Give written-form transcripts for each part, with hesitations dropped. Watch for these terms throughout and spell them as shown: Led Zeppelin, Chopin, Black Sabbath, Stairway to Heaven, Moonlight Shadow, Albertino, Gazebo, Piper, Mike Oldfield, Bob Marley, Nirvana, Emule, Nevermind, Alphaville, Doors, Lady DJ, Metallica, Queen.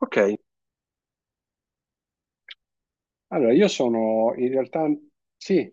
Ok. Allora, io sono in realtà sì,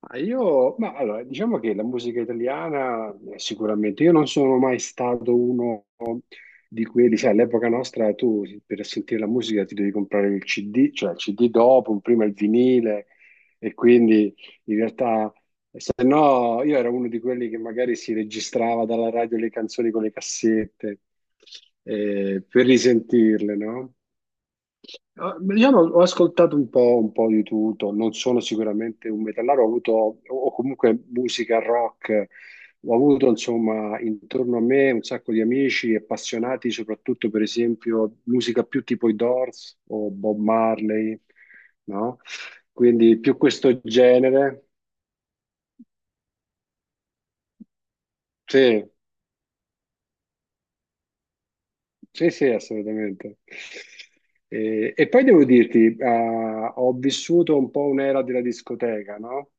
ma io, ma allora, diciamo che la musica italiana, sicuramente, io non sono mai stato uno di quelli, sai, all'epoca nostra tu per sentire la musica ti devi comprare il CD, cioè il CD dopo, prima il vinile e quindi in realtà se no io ero uno di quelli che magari si registrava dalla radio le canzoni con le cassette, per risentirle, no? Io ho ascoltato un po' di tutto, non sono sicuramente un metallaro, ho avuto, o comunque musica rock, ho avuto insomma intorno a me un sacco di amici appassionati, soprattutto per esempio musica più tipo i Doors o Bob Marley, no? Quindi più questo genere, sì. Sì, sì, assolutamente. E, poi devo dirti, ho vissuto un po' un'era della discoteca, no?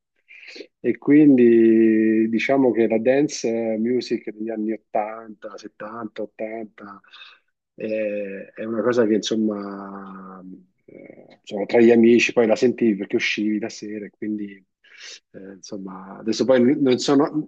E quindi diciamo che la dance music degli anni 80, 70, 80 è una cosa che insomma, insomma, tra gli amici poi la sentivi perché uscivi la sera, e quindi insomma adesso poi non sono...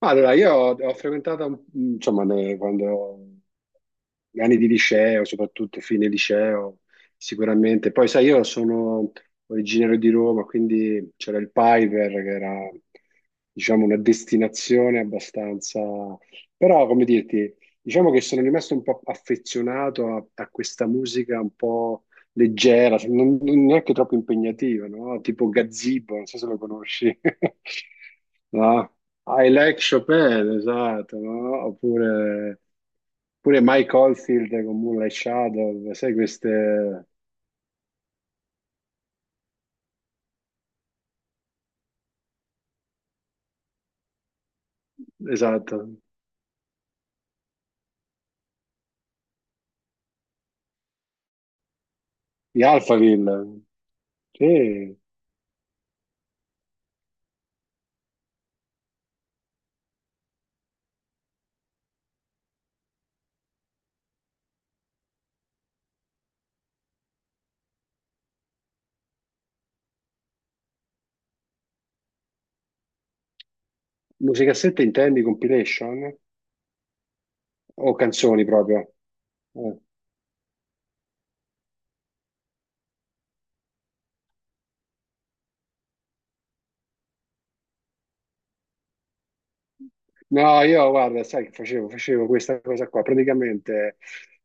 Ma allora, io ho, frequentato, insomma, quando gli anni di liceo, soprattutto fine liceo, sicuramente. Poi, sai, io sono originario di Roma, quindi c'era il Piper, che era, diciamo, una destinazione abbastanza... Però, come dirti, diciamo che sono rimasto un po' affezionato a, questa musica un po' leggera, cioè, non, non neanche troppo impegnativa, no? Tipo Gazebo, non so se lo conosci. No? I like Chopin, esatto, no? Oppure, oppure Mike Oldfield con Moonlight Shadow, sai queste, esatto, di Alphaville, sì. Musicassette intendi compilation o canzoni proprio? Eh. No, io guarda, sai che facevo? Facevo questa cosa qua, praticamente,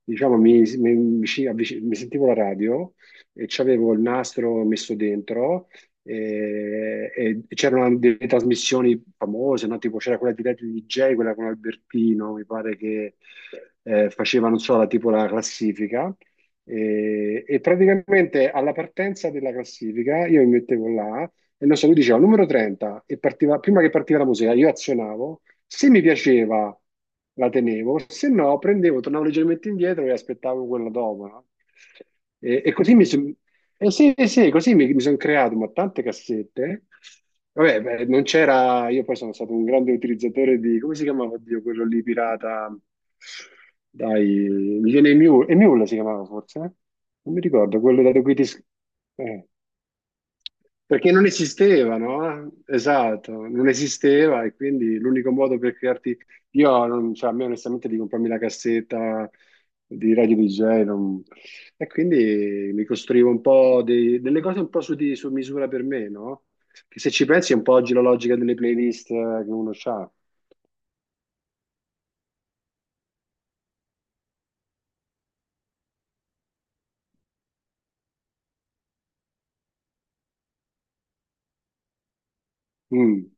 diciamo, mi sentivo la radio e c'avevo il nastro messo dentro e, c'erano delle trasmissioni famose, no? Tipo c'era quella di Lady DJ, quella con Albertino, mi pare che faceva, non so, tipo la classifica. E, praticamente alla partenza della classifica io mi mettevo là e non so, lui diceva numero 30 e partiva, prima che partiva la musica io azionavo, se mi piaceva la tenevo, se no prendevo, tornavo leggermente indietro e aspettavo quella dopo, no? E, così mi sono eh sì, sì, così mi sono creato, ma tante cassette. Vabbè, beh, non c'era, io poi sono stato un grande utilizzatore di, come si chiamava, oddio, quello lì pirata, dai, mi viene Emule, Emule si chiamava forse, eh? Non mi ricordo, quello da cui ti... eh. Perché non esisteva, no? Esatto, non esisteva e quindi l'unico modo per crearti... Io, non, cioè, a me onestamente di comprarmi la cassetta di Radio DJ non- e quindi mi costruivo un po' delle cose un po' su, su misura per me, no? Che se ci pensi è un po' oggi la logica delle playlist, che uno ha. Mm.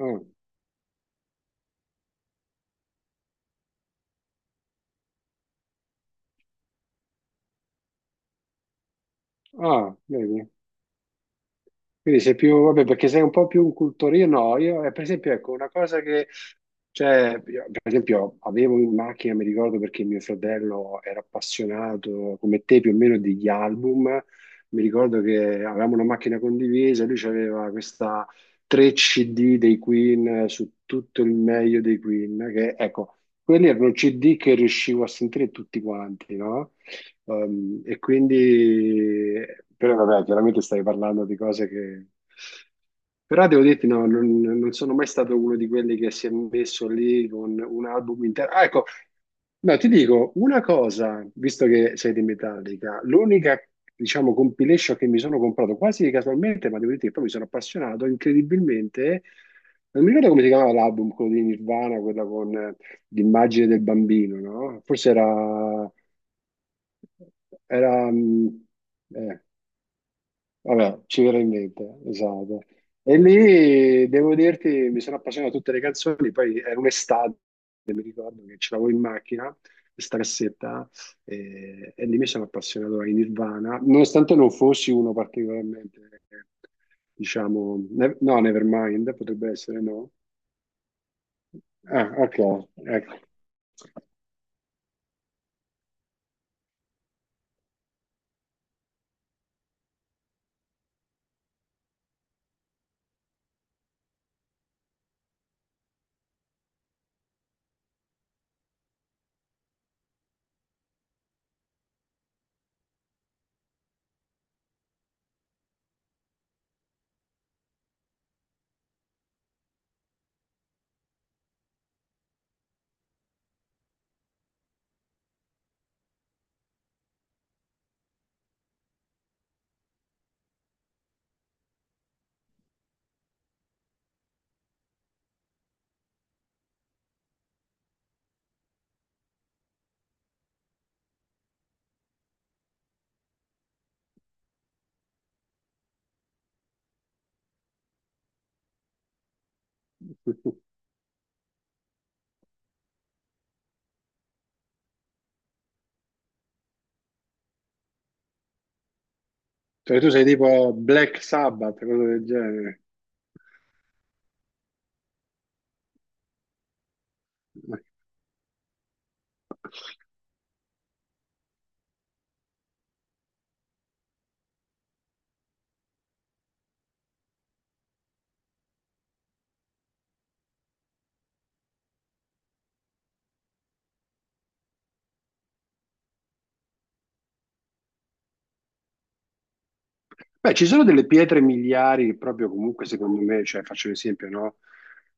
Ah, ah, vedi? Quindi sei più, vabbè, perché sei un po' più un cultorino, no, io, per esempio, ecco, una cosa che, cioè, io, per esempio, avevo in macchina, mi ricordo perché mio fratello era appassionato, come te più o meno, degli album, mi ricordo che avevamo una macchina condivisa, lui aveva questa 3 CD dei Queen, su tutto il meglio dei Queen, che, ecco, quelli erano CD che riuscivo a sentire tutti quanti, no? E quindi, però vabbè, chiaramente stai parlando di cose che... Però devo dirti, no, non, non sono mai stato uno di quelli che si è messo lì con un album intero. Ah, ecco, no, ti dico una cosa, visto che sei di Metallica, l'unica, diciamo, compilation che mi sono comprato quasi casualmente, ma devo dirti che poi mi sono appassionato incredibilmente, non mi ricordo come si chiamava l'album, quello di Nirvana, quella con l'immagine del bambino, no? Forse era... Era, eh, vabbè, ci verrà in mente, esatto. E lì, devo dirti, mi sono appassionato a tutte le canzoni, poi era un'estate, ricordo che ce l'avevo in macchina, questa cassetta, e, lì mi sono appassionato ai Nirvana, nonostante non fossi uno particolarmente, eh, diciamo, no, Nevermind, potrebbe essere, no? Ah, ok, ecco. Cioè tu sei tipo Black Sabbath, cosa del genere. Beh, ci sono delle pietre miliari, proprio comunque secondo me, cioè faccio un esempio, no?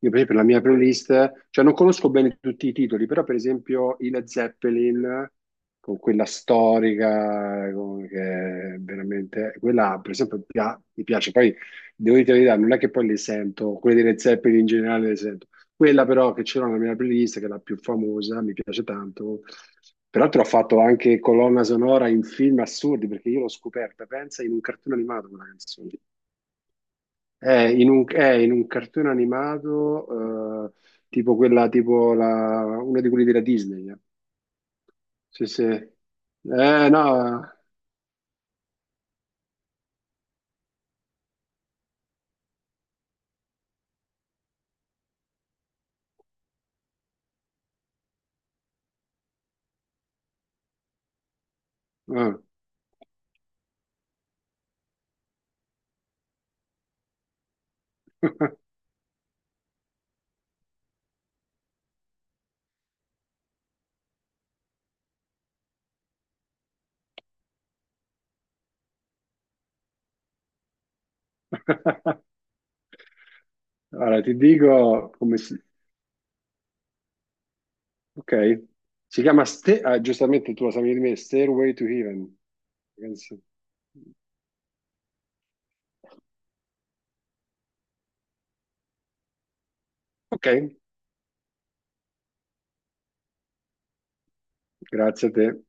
Io per esempio la mia playlist, cioè non conosco bene tutti i titoli, però per esempio i Led Zeppelin, con quella storica, che è veramente, quella per esempio mi piace, poi devo dire la verità, non è che poi le sento, quelle dei Led Zeppelin in generale le sento, quella però che c'era nella mia playlist, che è la più famosa, mi piace tanto. Peraltro ha fatto anche colonna sonora in film assurdi, perché io l'ho scoperta, pensa, in un cartone animato quella canzone. È in un cartone animato, tipo quella, tipo la, uno di quelli della Disney. Eh. Sì, sì. No. Eh. Allora, ti dico come si... Ok. Si chiama, ah, giustamente tu la sapevi di me, Stairway to Heaven. Penso. Ok, grazie a te.